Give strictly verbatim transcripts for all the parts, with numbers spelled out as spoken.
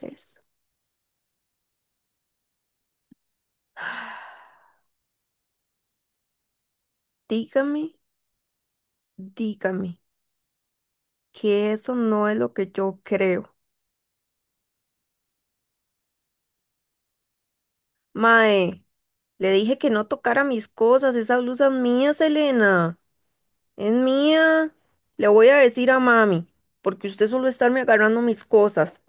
Eso. Dígame, dígame, que eso no es lo que yo creo. Mae, le dije que no tocara mis cosas, esa blusa es mía, Selena, es mía. Le voy a decir a mami, porque usted solo estarme agarrando mis cosas.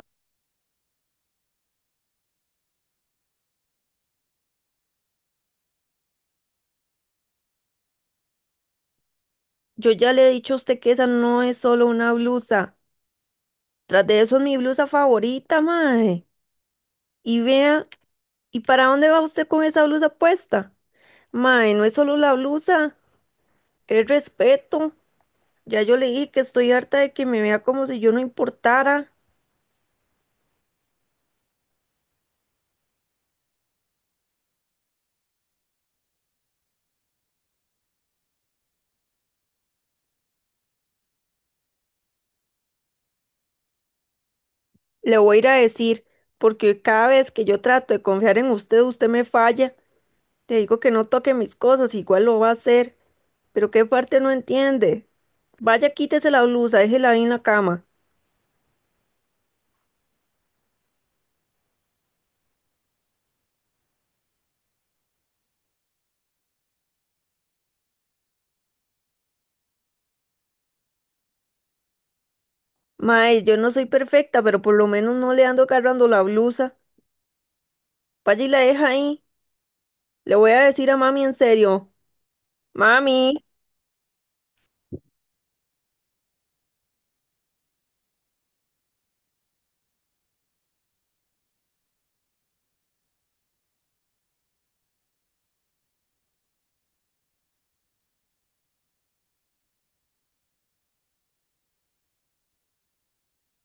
Yo ya le he dicho a usted que esa no es solo una blusa. Tras de eso es mi blusa favorita, mae. Y vea, ¿y para dónde va usted con esa blusa puesta? Mae, no es solo la blusa, es respeto. Ya yo le dije que estoy harta de que me vea como si yo no importara. Le voy a ir a decir, porque cada vez que yo trato de confiar en usted, usted me falla. Le digo que no toque mis cosas, igual lo va a hacer. Pero qué parte no entiende. Vaya, quítese la blusa, déjela ahí en la cama. Mae, yo no soy perfecta, pero por lo menos no le ando agarrando la blusa. Vaya y la deja ahí. Le voy a decir a mami en serio. Mami,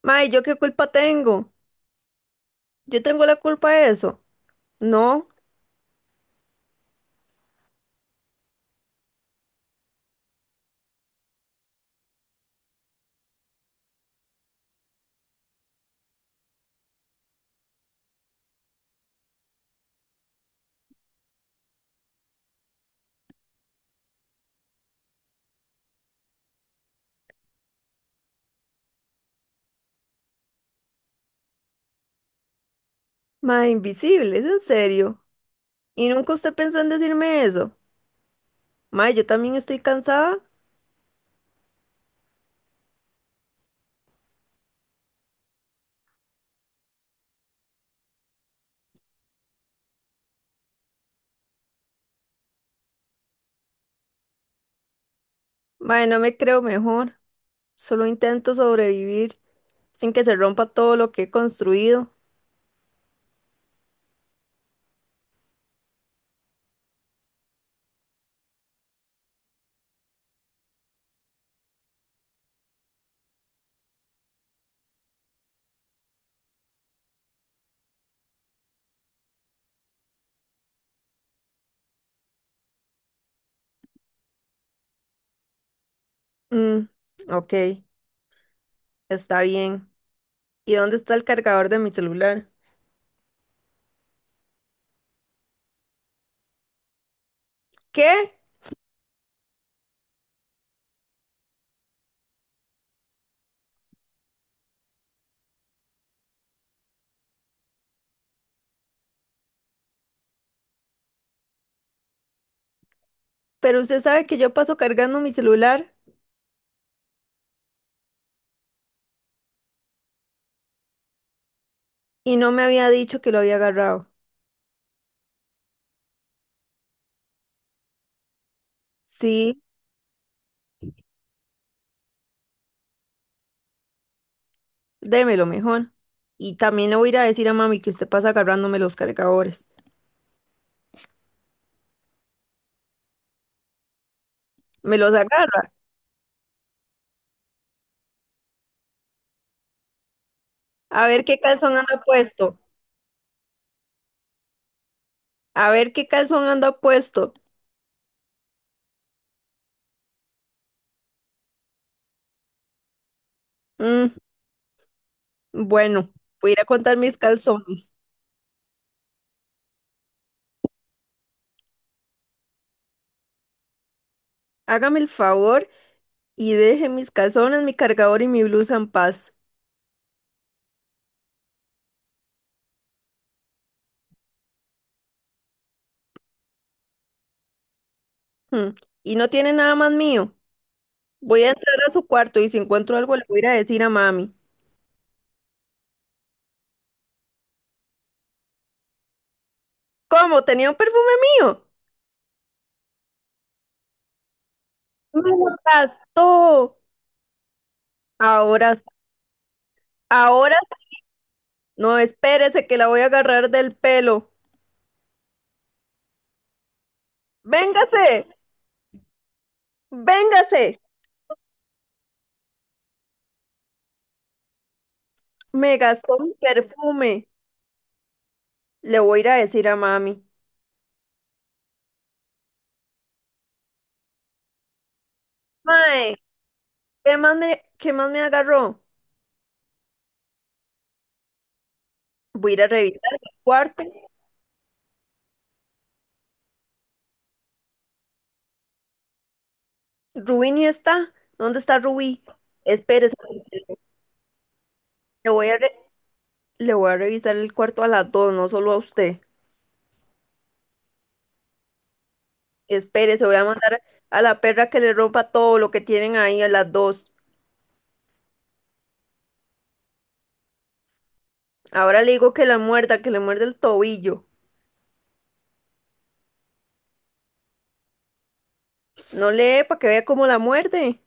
mae, ¿yo qué culpa tengo? ¿Yo tengo la culpa de eso? No. Ma, invisible, es en serio. Y nunca usted pensó en decirme eso. Ma, yo también estoy cansada. Ma, no me creo mejor. Solo intento sobrevivir sin que se rompa todo lo que he construido. Mm, ok, está bien. ¿Y dónde está el cargador de mi celular? ¿Qué? Pero usted sabe que yo paso cargando mi celular y no me había dicho que lo había agarrado. Sí, démelo mejor. Y también le voy a ir a decir a mami que usted pasa agarrándome los cargadores. Me los agarra. A ver qué calzón anda puesto. A ver qué calzón anda puesto. Mm, bueno, voy a ir a contar mis calzones. Hágame el favor y deje mis calzones, mi cargador y mi blusa en paz. Mm, y no tiene nada más mío. Voy a entrar a su cuarto y si encuentro algo le voy a ir a decir a mami. ¿Cómo? ¿Tenía un perfume mío? ¡No, me lo gastó! Ahora, ahora, no, espérese que la voy a agarrar del pelo. Véngase, véngase. Me gastó mi perfume. Le voy a ir a decir a mami. Mae, ¿qué más me, ¿qué más me agarró? Voy a ir a revisar el cuarto. Rubí ni está. ¿Dónde está Rubí? Espérese. Le voy a, re- le voy a revisar el cuarto a las dos, no solo a usted. Espérese, voy a mandar a la perra que le rompa todo lo que tienen ahí a las dos. Ahora le digo que la muerda, que le muerde el tobillo. No lee para que vea cómo la muerde.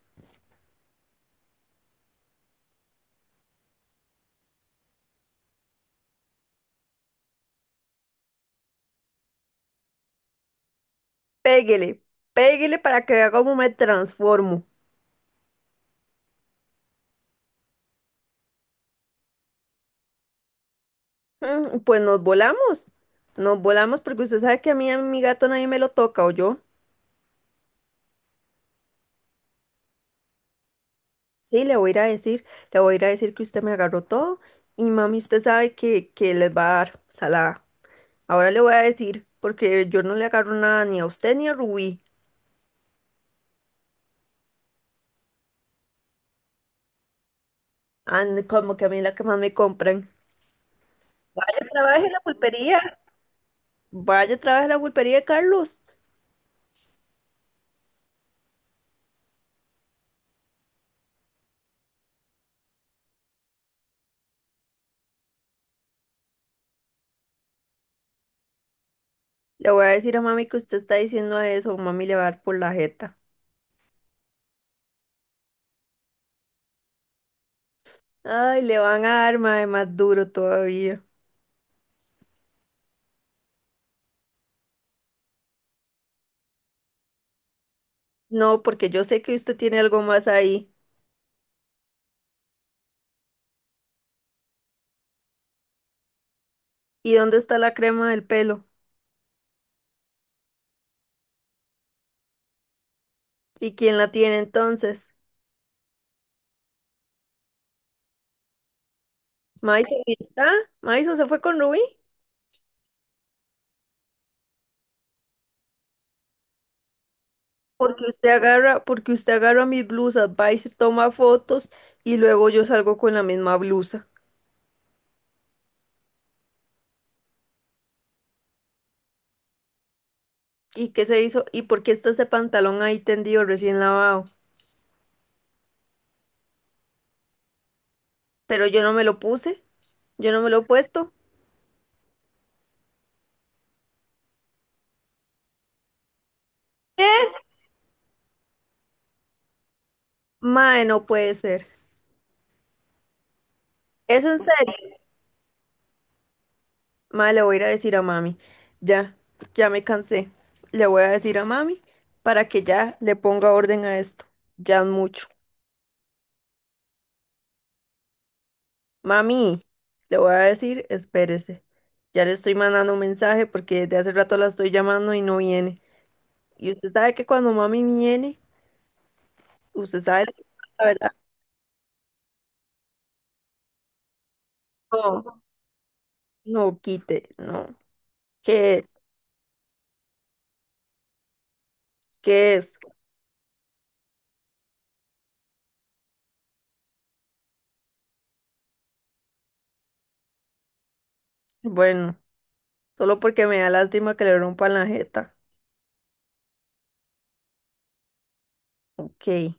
Péguele, péguele para que vea cómo me transformo. Mm, pues nos volamos, nos volamos porque usted sabe que a mí, a mi gato nadie me lo toca, ¿o yo? Sí, le voy a ir a decir, le voy a ir a decir que usted me agarró todo y mami, usted sabe que, que les va a dar salada. Ahora le voy a decir, porque yo no le agarro nada ni a usted ni a Rubí. Ande, como que a mí es la que más me compran. Vaya, trabaje en la pulpería, vaya, trabaje en la pulpería, Carlos. Le voy a decir a mami que usted está diciendo eso, mami le va a dar por la jeta. Ay, le van a dar mae, más duro todavía. No, porque yo sé que usted tiene algo más ahí. ¿Y dónde está la crema del pelo? ¿Y quién la tiene entonces? ¿Maisa ahí está? ¿Maisa se fue con Rubí? Porque usted agarra, porque usted agarra mis blusas, va y se toma fotos y luego yo salgo con la misma blusa. ¿Y qué se hizo? ¿Y por qué está ese pantalón ahí tendido recién lavado? Pero yo no me lo puse, yo no me lo he puesto. Mae, no puede ser. ¿Es en serio? Ma, le voy a ir a decir a mami. Ya, ya me cansé. Le voy a decir a mami para que ya le ponga orden a esto. Ya es mucho. Mami, le voy a decir, espérese. Ya le estoy mandando un mensaje porque desde hace rato la estoy llamando y no viene. Y usted sabe que cuando mami viene, usted sabe lo que pasa, ¿verdad? No, no quite, no. ¿Qué es? ¿Qué es? Bueno, solo porque me da lástima que le rompan la jeta. Ok.